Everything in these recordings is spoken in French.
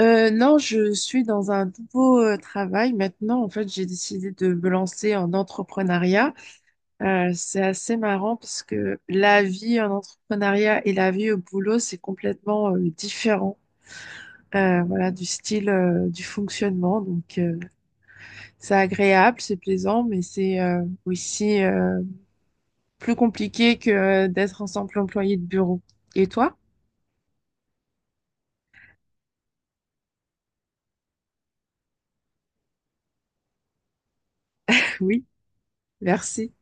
Non, je suis dans un nouveau travail maintenant. En fait, j'ai décidé de me lancer en entrepreneuriat. C'est assez marrant parce que la vie en entrepreneuriat et la vie au boulot, c'est complètement différent. Voilà, du style, du fonctionnement. Donc, c'est agréable, c'est plaisant, mais c'est aussi plus compliqué que d'être en simple employé de bureau. Et toi? Oui, merci.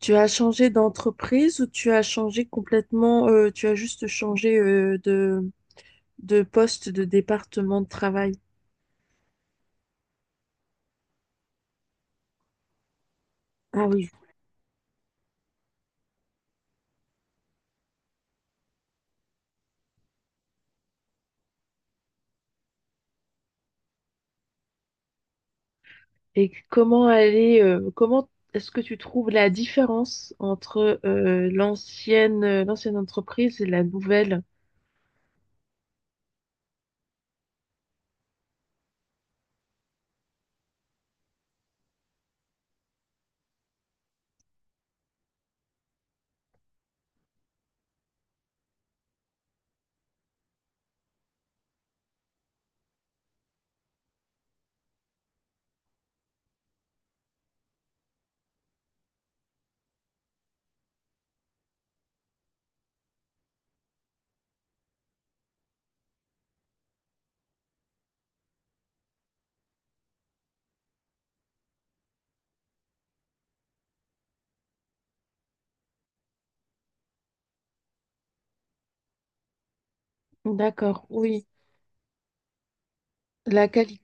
Tu as changé d'entreprise ou tu as changé complètement, tu as juste changé de poste, de département de travail? Ah oui. Et comment aller, comment est-ce que tu trouves la différence entre l'ancienne, l'ancienne entreprise et la nouvelle? D'accord, oui. La qualité.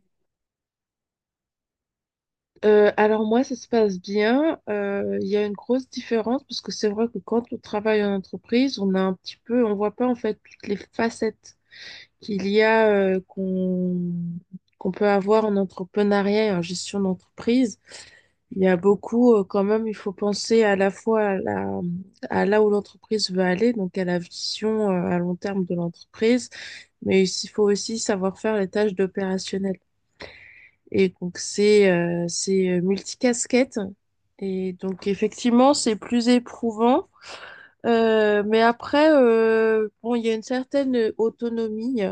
Alors moi, ça se passe bien. Il y a une grosse différence parce que c'est vrai que quand on travaille en entreprise, on a un petit peu, on voit pas en fait toutes les facettes qu'il y a qu'on peut avoir en entrepreneuriat et en gestion d'entreprise. Il y a beaucoup, quand même, il faut penser à la fois à là où l'entreprise veut aller, donc à la vision à long terme de l'entreprise, mais il faut aussi savoir faire les tâches d'opérationnel. Et donc c'est multicasquette. Et donc effectivement, c'est plus éprouvant. Mais après, bon, il y a une certaine autonomie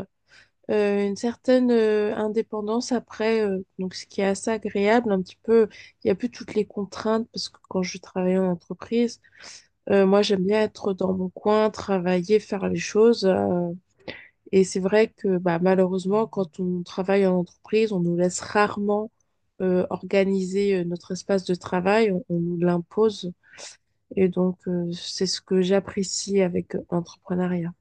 une certaine indépendance après, donc ce qui est assez agréable, un petit peu, il n'y a plus toutes les contraintes parce que quand je travaillais en entreprise, moi j'aime bien être dans mon coin, travailler, faire les choses. Et c'est vrai que bah, malheureusement, quand on travaille en entreprise, on nous laisse rarement organiser notre espace de travail, on nous l'impose. Et donc, c'est ce que j'apprécie avec l'entrepreneuriat.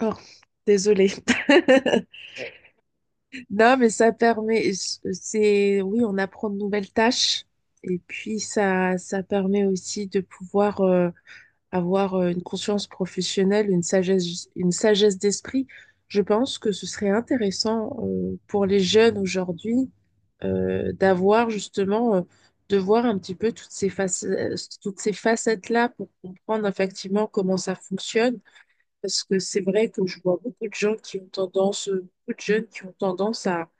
Oh, désolée. Non, mais ça permet, c'est, oui, on apprend de nouvelles tâches et puis ça permet aussi de pouvoir avoir une conscience professionnelle, une sagesse d'esprit. Je pense que ce serait intéressant pour les jeunes aujourd'hui d'avoir justement, de voir un petit peu toutes ces facettes, toutes ces facettes-là pour comprendre effectivement comment ça fonctionne. Parce que c'est vrai que je vois beaucoup de gens qui ont tendance, beaucoup de jeunes qui ont tendance à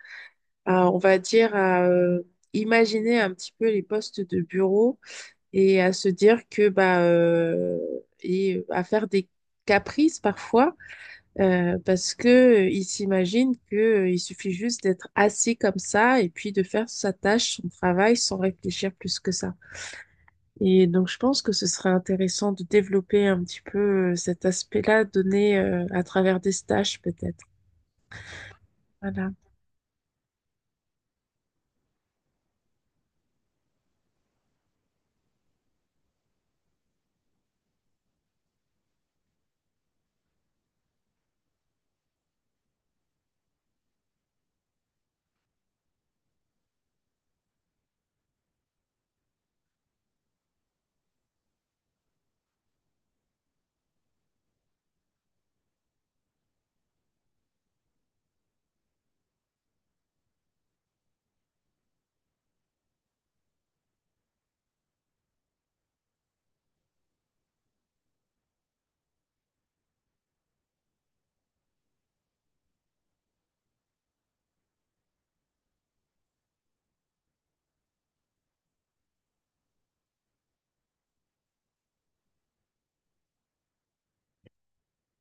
à, on va dire, à imaginer un petit peu les postes de bureau et à se dire que, bah, et à faire des caprices parfois, parce que il s'imagine que, il suffit juste d'être assis comme ça et puis de faire sa tâche, son travail, sans réfléchir plus que ça. Et donc, je pense que ce serait intéressant de développer un petit peu cet aspect-là donné à travers des stages, peut-être. Voilà.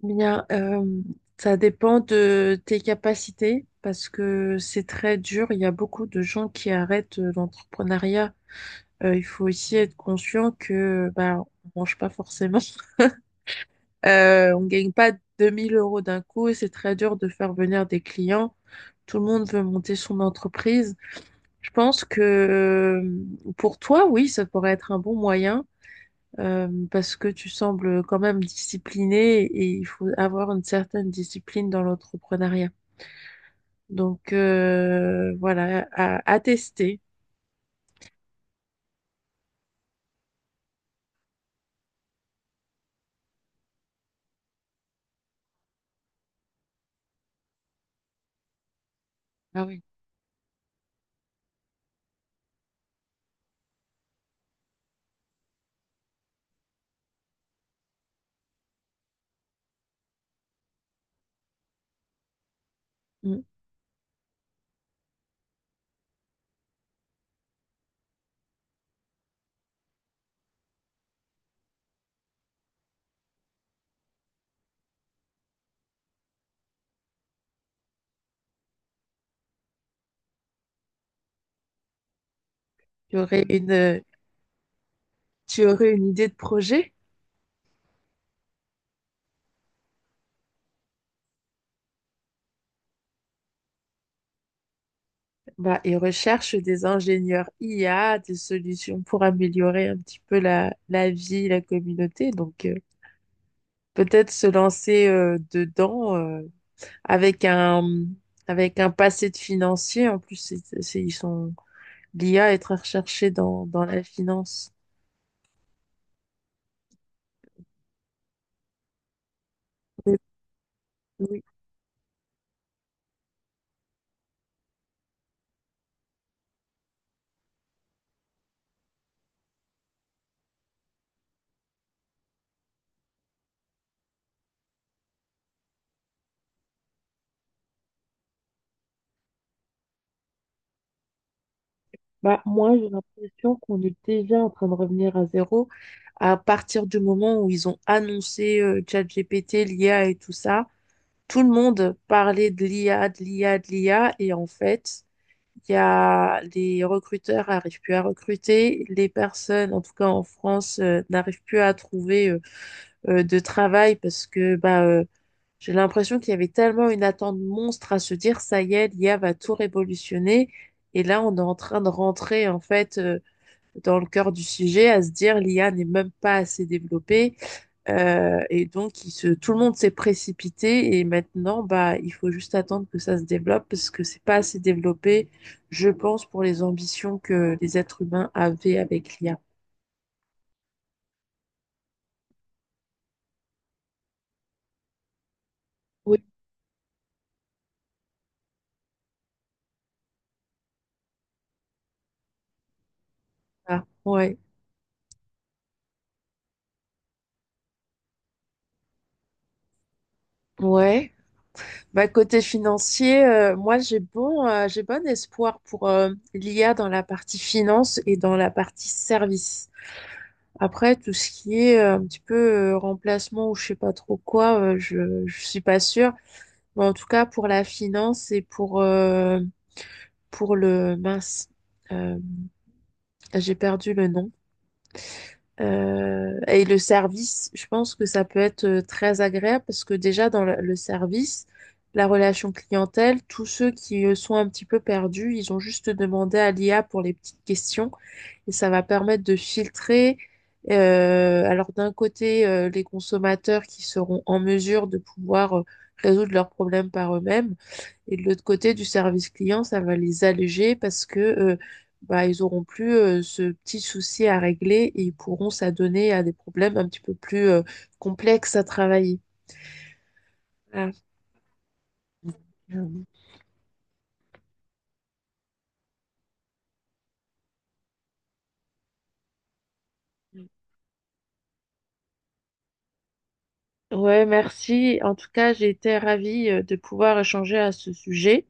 Bien, ça dépend de tes capacités parce que c'est très dur. Il y a beaucoup de gens qui arrêtent l'entrepreneuriat. Il faut aussi être conscient que bah, on mange pas forcément. On gagne pas 2000 euros d'un coup et c'est très dur de faire venir des clients. Tout le monde veut monter son entreprise. Je pense que pour toi, oui, ça pourrait être un bon moyen parce que tu sembles quand même discipliné et il faut avoir une certaine discipline dans l'entrepreneuriat. Donc, voilà, à tester. Ah oui. Mm. Tu aurais Mm. une, tu aurais une idée de projet? Bah, ils recherchent des ingénieurs IA, des solutions pour améliorer un petit peu la vie, la communauté. Donc, peut-être se lancer dedans avec un avec un passé de financier. En plus, c'est- ils sont L'IA est très recherchée dans, dans la finance. Mais oui. Bah, moi, j'ai l'impression qu'on est déjà en train de revenir à zéro. À partir du moment où ils ont annoncé ChatGPT, l'IA et tout ça, tout le monde parlait de l'IA, de l'IA, de l'IA. Et en fait, il y a les recruteurs n'arrivent plus à recruter. Les personnes, en tout cas en France, n'arrivent plus à trouver de travail parce que bah, j'ai l'impression qu'il y avait tellement une attente monstre à se dire, ça y est, l'IA va tout révolutionner. Et là, on est en train de rentrer, en fait, dans le cœur du sujet, à se dire, l'IA n'est même pas assez développée. Et donc, tout le monde s'est précipité. Et maintenant, bah, il faut juste attendre que ça se développe parce que c'est pas assez développé, je pense, pour les ambitions que les êtres humains avaient avec l'IA. Oui, ah, ouais. Ouais. Bah, côté financier, moi j'ai bon espoir pour l'IA dans la partie finance et dans la partie service. Après, tout ce qui est un petit peu remplacement ou je sais pas trop quoi, je suis pas sûre. Mais en tout cas, pour la finance et pour le mince, euh, j'ai perdu le nom. Et le service, je pense que ça peut être très agréable parce que déjà dans le service, la relation clientèle, tous ceux qui sont un petit peu perdus, ils ont juste demandé à l'IA pour les petites questions et ça va permettre de filtrer. Alors d'un côté, les consommateurs qui seront en mesure de pouvoir résoudre leurs problèmes par eux-mêmes et de l'autre côté du service client, ça va les alléger parce que bah, ils auront plus ce petit souci à régler et ils pourront s'adonner à des problèmes un petit peu plus complexes à travailler. Voilà. Mm. Ouais, merci. En tout cas, j'ai été ravie de pouvoir échanger à ce sujet.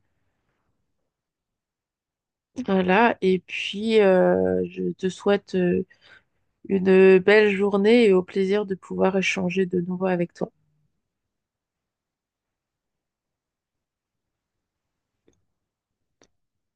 Voilà, et puis je te souhaite une belle journée et au plaisir de pouvoir échanger de nouveau avec toi.